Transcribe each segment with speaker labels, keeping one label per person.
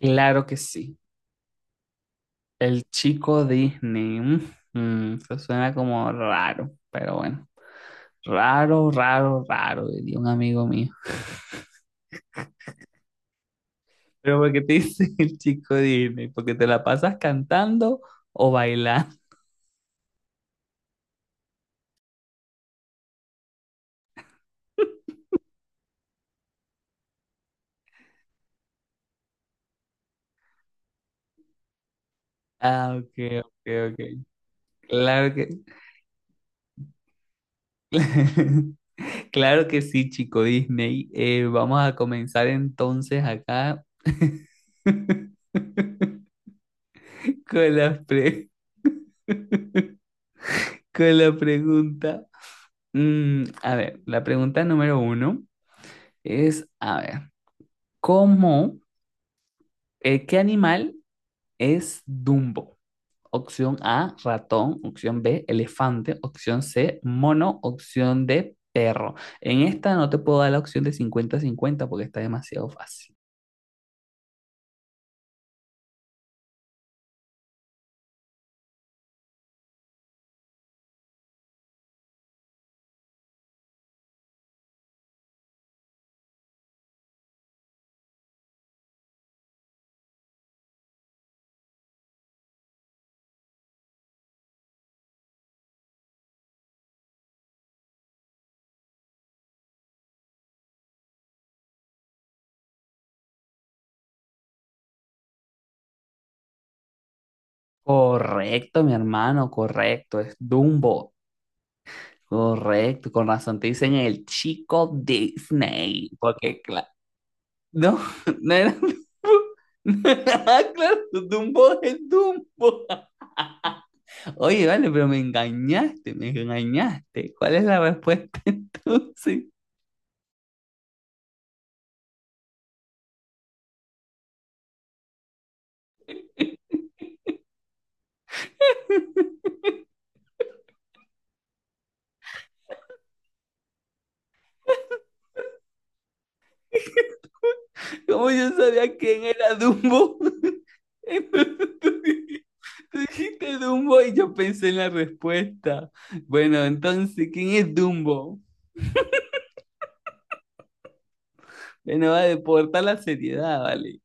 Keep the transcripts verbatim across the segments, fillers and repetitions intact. Speaker 1: Claro que sí. El chico Disney. Mm, mm, eso suena como raro, pero bueno. Raro, raro, raro, diría un amigo mío. Pero ¿por qué te dice el chico Disney? ¿Porque te la pasas cantando o bailando? Ah, ok, ok, ok. Claro que, claro que sí, chico Disney. Eh, vamos a comenzar entonces acá con la pre- con la pregunta. Mm, a ver, la pregunta número uno es, a ver, ¿cómo, eh, ¿qué animal es Dumbo? Opción A, ratón; opción B, elefante; opción C, mono; opción D, perro. En esta no te puedo dar la opción de cincuenta-cincuenta porque está demasiado fácil. Correcto, mi hermano, correcto, es Dumbo. Correcto, con razón te dicen el chico Disney, porque claro. No, no era Dumbo. Ah, claro, Dumbo es Dumbo. Oye, vale, pero me engañaste, me engañaste. ¿Cuál es la respuesta entonces? ¿Cómo yo sabía quién era Dumbo? Entonces tú di- tú dijiste Dumbo y yo pensé en la respuesta. Bueno, entonces, ¿quién es Dumbo? Bueno, vale, por tal la seriedad, vale.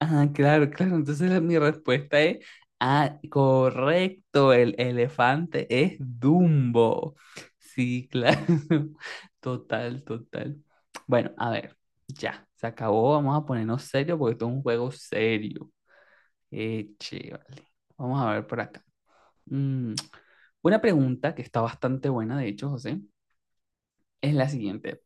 Speaker 1: Ah, claro, claro. Entonces la- mi respuesta es, ah, correcto, el elefante es Dumbo. Sí, claro. Total, total. Bueno, a ver, ya, se acabó. Vamos a ponernos serio porque esto es un juego serio. Eche, vale. Vamos a ver por acá. Mm, una pregunta que está bastante buena, de hecho, José, es la siguiente.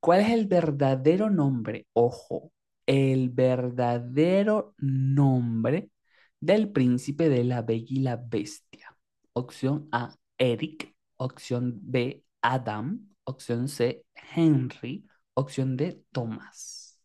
Speaker 1: ¿Cuál es el verdadero nombre? Ojo, el verdadero nombre del príncipe de la Bella y la Bestia. Opción A, Eric. Opción B, Adam. Opción C, Henry. Opción D, Thomas.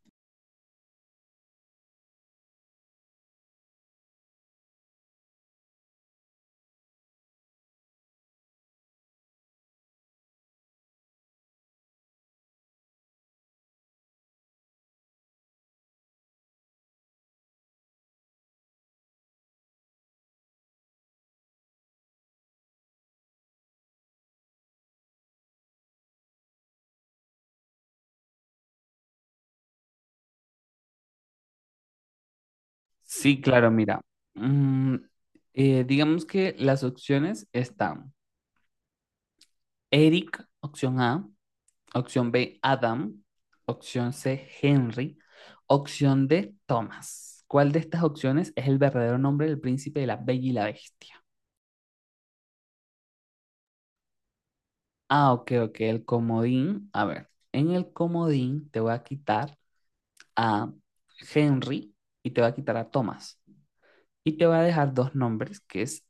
Speaker 1: Sí, claro, mira. mm, eh, digamos que las opciones están Eric, opción A; opción B, Adam; opción C, Henry; opción D, Thomas. ¿Cuál de estas opciones es el verdadero nombre del príncipe de la Bella y la Bestia? Ah, ok, ok, el comodín. A ver, en el comodín te voy a quitar a Henry y te voy a quitar a Thomas. Y te voy a dejar dos nombres, que es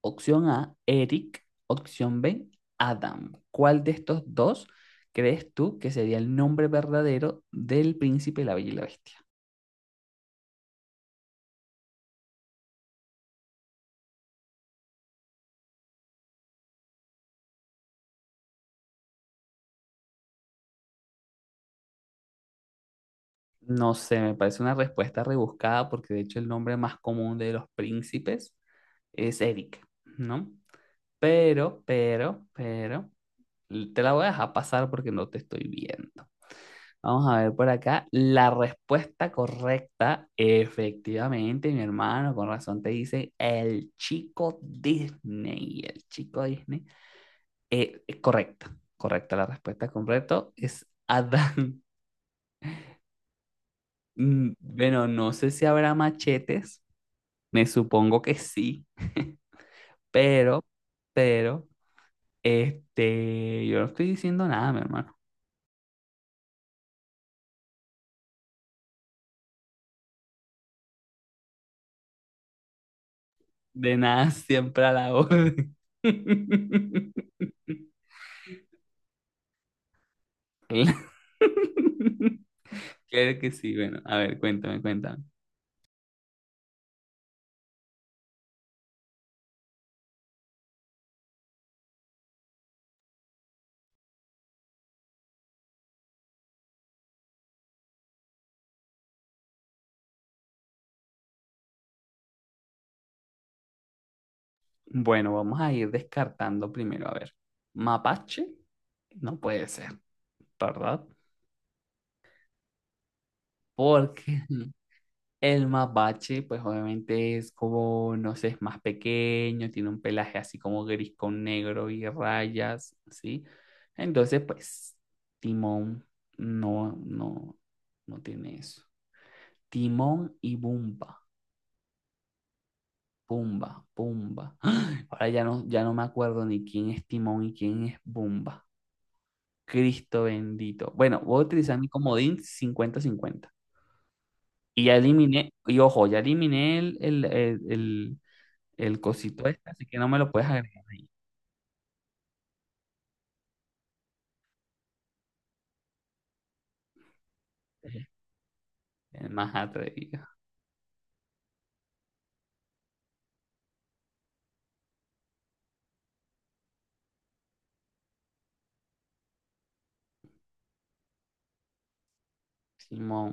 Speaker 1: opción A, Eric; opción B, Adam. ¿Cuál de estos dos crees tú que sería el nombre verdadero del príncipe de la Bella y la Bestia? No sé, me parece una respuesta rebuscada porque de hecho el nombre más común de los príncipes es Eric, ¿no? Pero, pero, pero, te la voy a dejar pasar porque no te estoy viendo. Vamos a ver por acá. La respuesta correcta, efectivamente, mi hermano, con razón te dice el chico Disney. El chico Disney. Eh, eh, correcta, correcta la respuesta, correcto. Es Adán. Mm, bueno, no sé si habrá machetes. Me supongo que sí, pero, pero, este, yo no estoy diciendo nada, mi hermano. De nada, siempre a la orden. Claro que sí, bueno, a ver, cuéntame, cuéntame. Bueno, vamos a ir descartando primero, a ver. Mapache, no puede ser, ¿verdad? Porque el mapache, pues obviamente es como, no sé, es más pequeño, tiene un pelaje así como gris con negro y rayas, ¿sí? Entonces, pues, Timón no, no, no tiene eso. Timón y Bumba, Bumba, Bumba. Ahora ya no, ya no me acuerdo ni quién es Timón y quién es Bumba. Cristo bendito. Bueno, voy a utilizar mi comodín cincuenta cincuenta. Y ya eliminé, y ojo, ya eliminé el, el, el, el- el cosito este, así que no me lo puedes agregar ahí. Es más atrevido. Timón.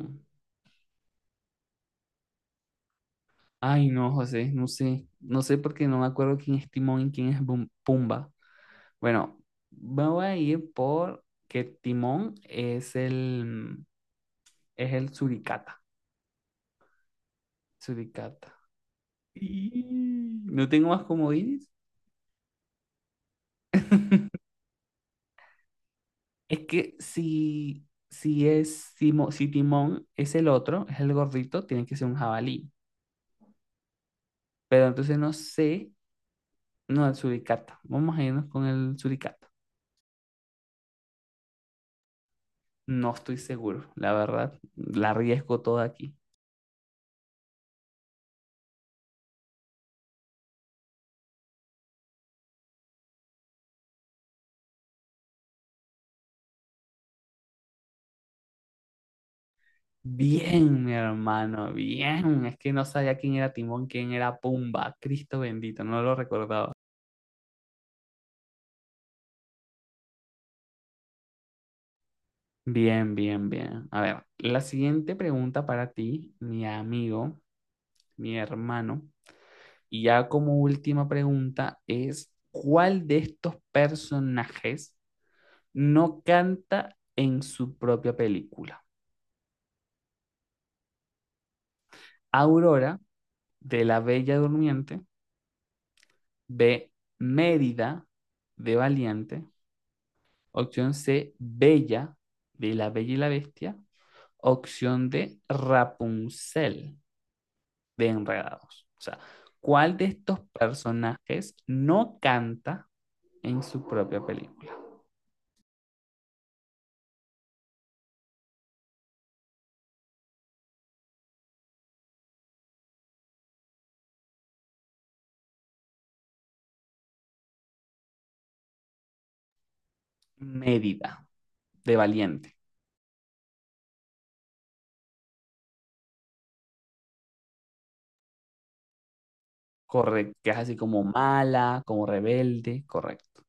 Speaker 1: Ay, no, José, no sé. No sé porque no me acuerdo quién es Timón y quién es Bum- Pumba. Bueno, me voy a ir por que Timón es el, es el suricata. Suricata. Y- no tengo más comodines. Es que si, si es Simo- si Timón es el otro, es el gordito, tiene que ser un jabalí. Pero entonces no sé. No, el suricata. Vamos a irnos con el suricata. No estoy seguro, la verdad. La arriesgo toda aquí. Bien, mi hermano, bien. Es que no sabía quién era Timón, quién era Pumba. Cristo bendito, no lo recordaba. Bien, bien, bien. A ver, la siguiente pregunta para ti, mi amigo, mi hermano. Y ya como última pregunta es, ¿cuál de estos personajes no canta en su propia película? Aurora, de La Bella Durmiente; B, Mérida de Valiente; opción C, Bella de La Bella y la Bestia; opción D, Rapunzel de Enredados. O sea, ¿cuál de estos personajes no canta en su propia película? Mérida de Valiente, correcto, que es así como mala, como rebelde, correcto.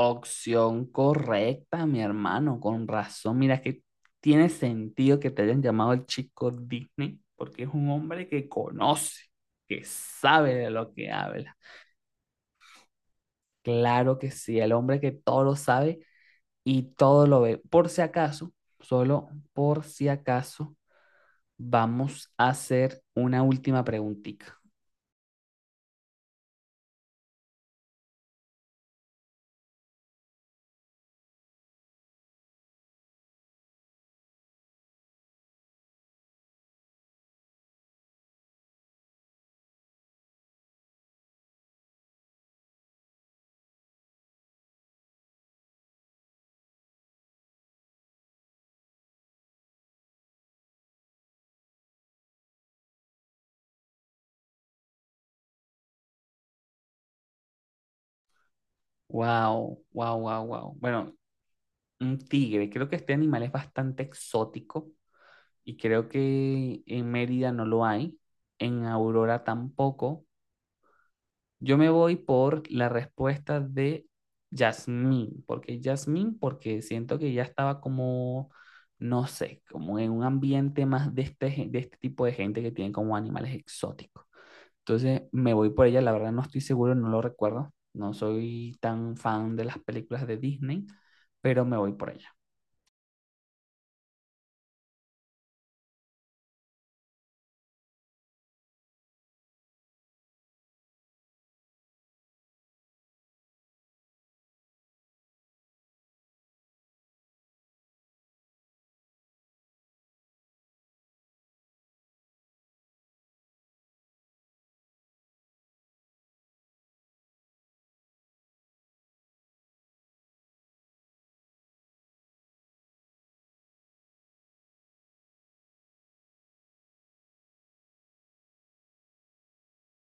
Speaker 1: Opción correcta, mi hermano, con razón. Mira que tiene sentido que te hayan llamado el chico Disney, porque es un hombre que conoce, que sabe de lo que habla. Claro que sí, el hombre que todo lo sabe y todo lo ve. Por si acaso, solo por si acaso, vamos a hacer una última preguntita. Wow, wow, wow, wow. Bueno, un tigre, creo que este animal es bastante exótico y creo que en Mérida no lo hay, en Aurora tampoco. Yo me voy por la respuesta de Yasmín, porque Yasmín, porque siento que ya estaba como, no sé, como en un ambiente más de este, gen- de este tipo de gente que tienen como animales exóticos. Entonces me voy por ella, la verdad no estoy seguro, no lo recuerdo, no soy tan fan de las películas de Disney, pero me voy por ella.